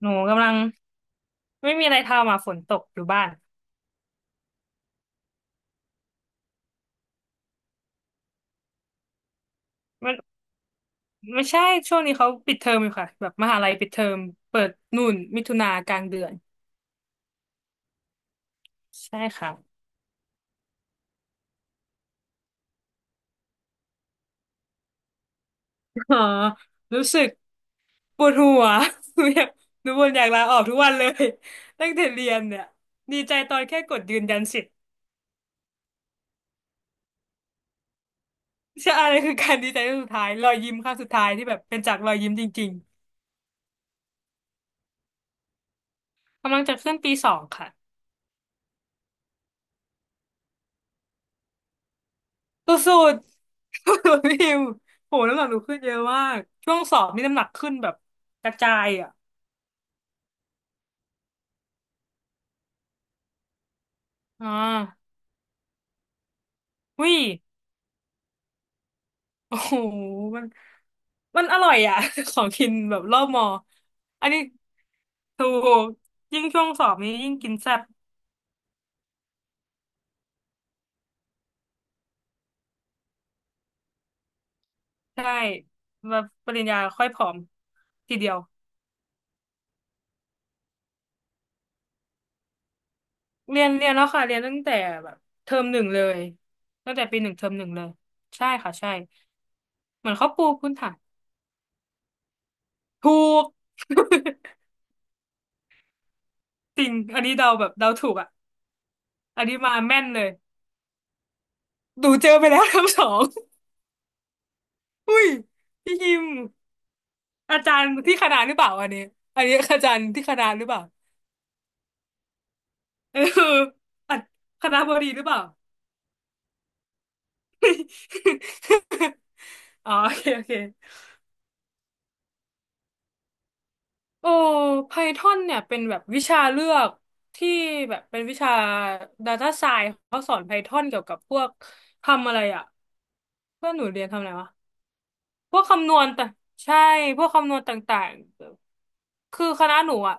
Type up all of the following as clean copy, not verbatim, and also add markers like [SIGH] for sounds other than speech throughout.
หนูกำลังไม่มีอะไรทำอ่ะฝนตกอยู่บ้านมันไม่ใช่ช่วงนี้เขาปิดเทอมอยู่ค่ะแบบมหาลัยปิดเทอมเปิดนู่นมิถุนากลางเดือนใช่ค่ะอ๋อรู้สึกปวดหัว [LAUGHS] หนูอยากหนูบ่นอยากลาออกทุกวันเลยตั้งแต่เรียนเนี่ยดีใจตอนแค่กดยืนยันสิทธิ์ใช่อะไรคือการดีใจครั้งสุดท้ายรอยยิ้มครั้งสุดท้ายที่แบบเป็นจากรอยยิ้มจริงๆกำลังจะขึ้นปีสองค่ะ สุดๆ [LAUGHS] พี่พิมโหน้ำหนักหนูขึ้นเยอะมากช่วงสอบนี่น้ำหนักขึ้นแบบกระจายอ่ะอ่าวิโอ้โหมันอร่อยอ่ะ [LAUGHS] ของกินแบบรอบมออันนี้ถูกยิ่งช่วงสอบนี้ยิ่งกินแซ่บใช่แบบปริญญาค่อยผอมทีเดียวเรียนแล้วค่ะเรียนตั้งแต่แบบเทอมหนึ่งเลยตั้งแต่ปีหนึ่งเทอมหนึ่งเลยใช่ค่ะใช่เหมือนเขาปูพื้นฐานถูก [LAUGHS] จริงอันนี้เดาแบบเดาถูกอ่ะอันนี้มาแม่นเลยดูเจอไปแล้ว [LAUGHS] ทั้งสองอุ้ยพี่ยิมอาจารย์ที่คณะหรือเปล่าอันนี้อันนี้อาจารย์ที่คณะหรือเปล่าเอออ่ะคณะบดีหรือเปล่า [LAUGHS] อ๋อโอเคโอเคโอ้ Python เนี่ยเป็นแบบวิชาเลือกที่แบบเป็นวิชา Data Science เขาสอน Python เกี่ยวกับพวกทำอะไรอ่ะเพื่อนหนูเรียนทำอะไรวะ พวกคำนวณต่างใช่พวกคำนวณต่างๆคือคณะหนูอ่ะ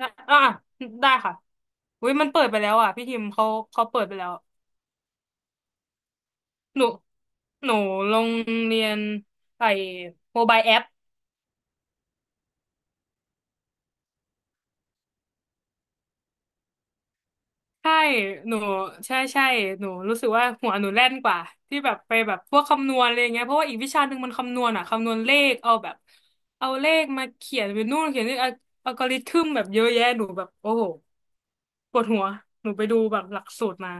อ่ะอ่ะได้ค่ะอุ้ยมันเปิดไปแล้วอ่ะพี่ทิมเขาเขาเปิดไปแล้วหนูหนูลงเรียนไอ้โมบายแอปใช่หนูใช่ใช่หนูรู้สึกว่าหัวหนูแล่นกว่าที่แบบไปแบบพวกคำนวณอะไรงเงี้ยเพราะว่าอีกวิชาหนึ่งมันคำนวณอ่ะคำนวณเลขเอาแบบเอาเลขมาเขียนเป็นนู่นเขียนนี่อัลกอริทึมแบบเยอะแยะหนูแบบโอ้โห ปวดหัวหนูไปดูแบบหลักสูตรมา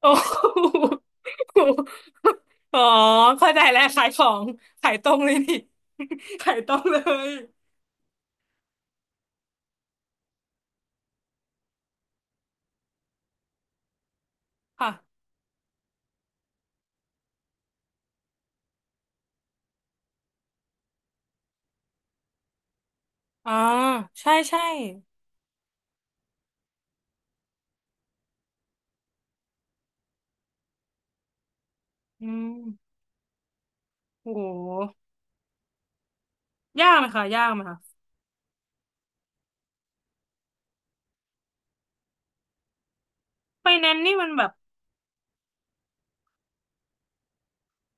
โอ้โหอ๋อเข้าใจแล้วขายของขายตรงเลยนี่ [LAUGHS] ขายตรงเลยค่ะอ่าใช่ใช่อืมโอ้โหยากไหมคะยากไหมคะไฟแนนซ์นี่มันแบบ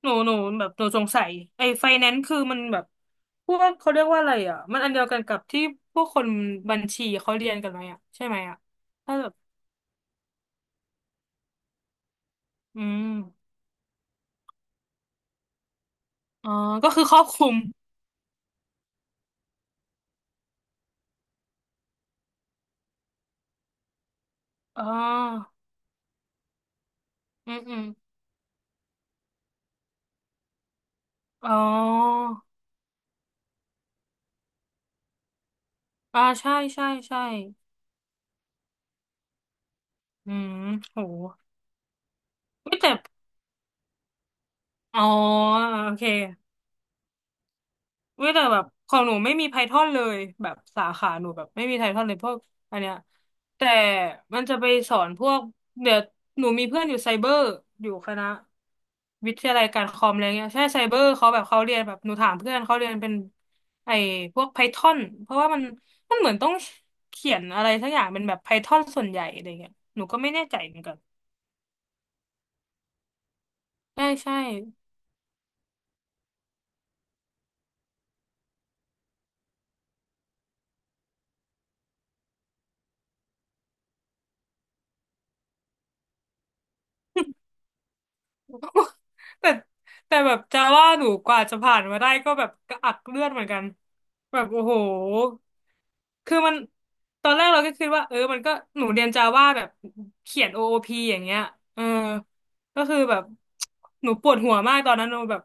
หนูหนูแบบหนูสงสัยไอ้ไฟแนนซ์คือมันแบบพวกเขาเรียกว่าอะไรอ่ะมันอันเดียวกันกับที่พวกคนบัญชีเขาเรียนกันไหมอ่ะใช่ไหมอ่ะถ้าแบบอืมอ๋อก็คือครอบคลุมอ๋อ อืมอืมอ๋ออ่าใช่ใช่ใช่อืมโหไม่แต่อ๋อโอเค เว้ยแต่แบบของหนูไม่มีไพทอนเลยแบบสาขาหนูแบบไม่มีไพทอนเลยพวกอันเนี้ยแต่มันจะไปสอนพวกเดี๋ยวหนูมีเพื่อนอยู่ไซเบอร์อยู่คณะวิทยาลัยการคอมอะไรเงี้ยใช่ไซเบอร์เขาแบบเขาเรียนแบบหนูถามเพื่อนเขาเรียนเป็นไอ้พวกไพทอนเพราะว่ามันเหมือนต้องเขียนอะไรสักอย่างเป็นแบบไพทอนส่วนใหญ่อะไรเงี้ยหนูก็ไม่แน่ใจเหมือนกันใช่ใช่ แต่แต่แบบจะว่าหนูกว่าจะผ่านมาได้ก็แบบกระอักเลือดเหมือนกันแบบโอ้โหคือมันตอนแรกเราก็คิดว่าเออมันก็หนูเรียนจาว่าแบบเขียน OOP อโอพีอย่างเงี้ยเออก็คือแบบหนูปวดหัวมากตอนนั้นหนูแบบ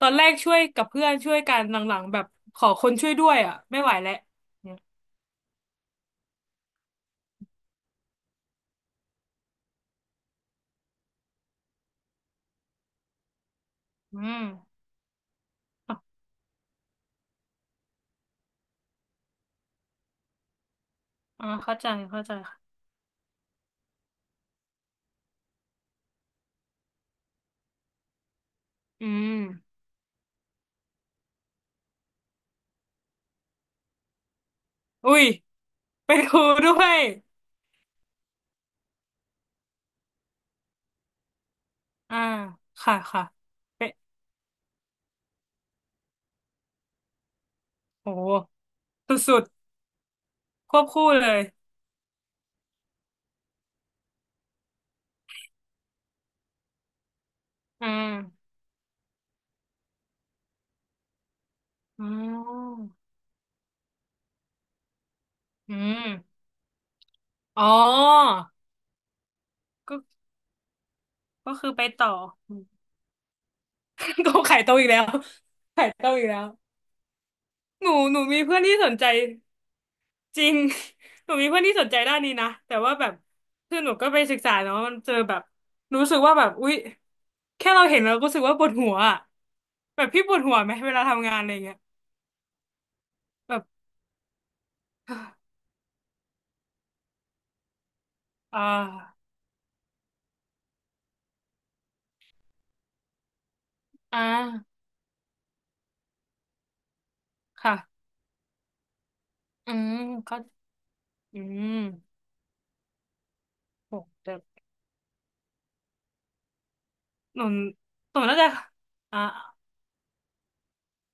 ตอนแรกช่วยกับเพื่อนช่วยกันหลังๆแบบขอคนช่วยด้วยอ่ะไม่ไหวแล้วเนี่ยอืมอ่ะอ่าเข้าใจเข้าใจค่ะอืมอุ้ยเป็นครูด้วยอ่าค่ะค่ะ โอ้สุดๆควบคู่เลยอ่าอ๋ออืมอ๋อก็ก็คือไปต่อ [LAUGHS] ก็ขายตรงอีกแล้วขายตรงอีกแล้วหนูหนูมีเพื่อนที่สนใจจริง [LAUGHS] หนูมีเพื่อนที่สนใจด้านนี้นะแต่ว่าแบบคือหนูก็ไปศึกษาเนาะมันเจอแบบรู้สึกว่าแบบอุ๊ยแค่เราเห็นเราก็รู้สึกว่าปวดหัวอะแบบพี่ปวดหัวไหมเวลาทำงานอะไรเงี้ยแบบ [SIGHS] อ่าอ่าค่ะอืมเขาอืม โหแต่หนูหนูน่าจะอ่า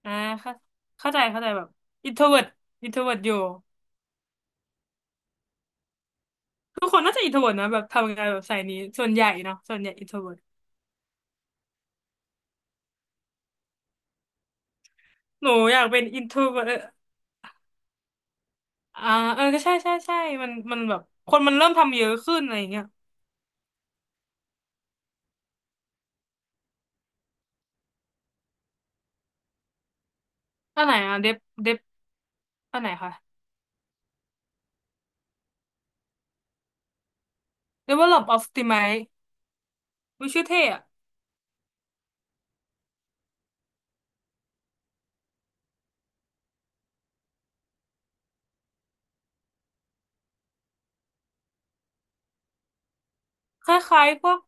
อ่าเข้าเข้าใจเข้าใจแบบอินโทรเวิร์ตอินโทรเวิร์ตอยู่ทุกคนน่าจะอินโทรเวิร์ตนะแบบทำงานแบบสายนี้ส่วนใหญ่เนาะส่วนใหญ่อินโทรเวิร์ตหนูอยากเป็นอินโทรเวิร์ตอ่าเออก็ใช่ใช่ใช่มันแบบคนมันเริ่มทำเยอะขึ้นอะไรอย่างเงี้ยอันไหนอ่ะเดฟเดฟอันไหนคะ Develop Optimize วิชื่อเท่อะคล้ายๆพวก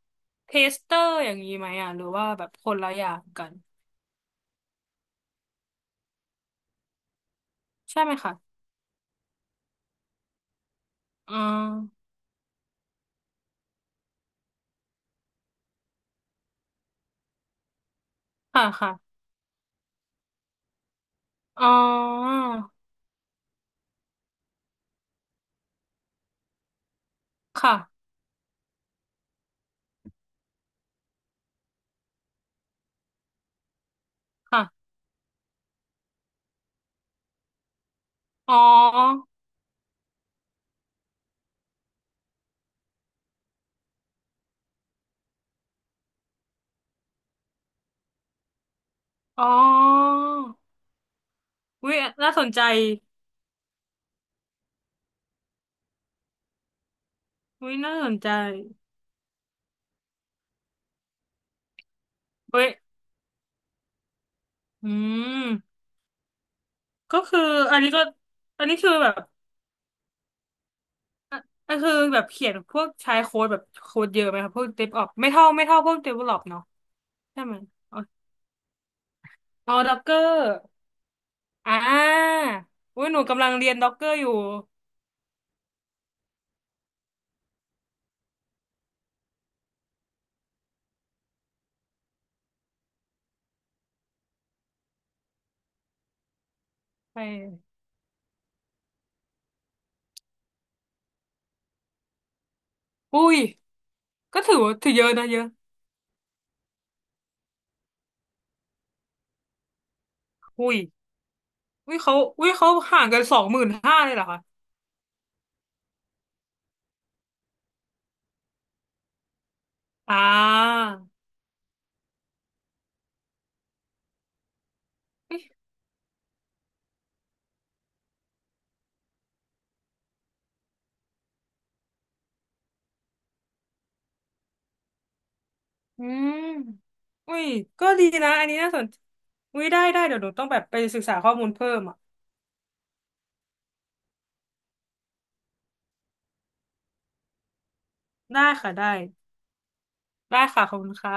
เทสเตอร์อย่างนี้ไหมอ่ะหรือว่าแบบคนละอย่างกันใช่ไหมคะอ่าค่ะค่ะอ๋อ ค่ะ ค่ะอ๋ออ๋อวิน่าสนใจวิน่าสนใจเว้ยอืมก็คืออันนี้ก็อันนี้คือแบบอ่ะก็คือแบบเขียนพวกใช้โค้ดแบบโค้ดเยอะไหมครับพวกเดฟออปไม่เท่าไม่เท่าพวกเดเวลลอปเนาะใช่ไหมอ๋ออ๋อด็อกเกอร์อ่าอุ้ยหนูกำลังเรียนด็อกเกอร์อยู่ไปอุ้ยก็ถือว่าถือเยอะนะเยอะอุ้ยอุ้ยเขาอุ้ยเขาห่างกันสองหมื่นห้าเลยเหรอคะอ่า อืมอุ้ยก็ดีนะ อันนี้น่าสนอุ้ยได้ได้ เดี๋ยวหนูต้องแบบไปศึกษาข้อมูลเพิ่มอ่ะได้ค่ะได้ได้ค่ะขอบคุณค่ะ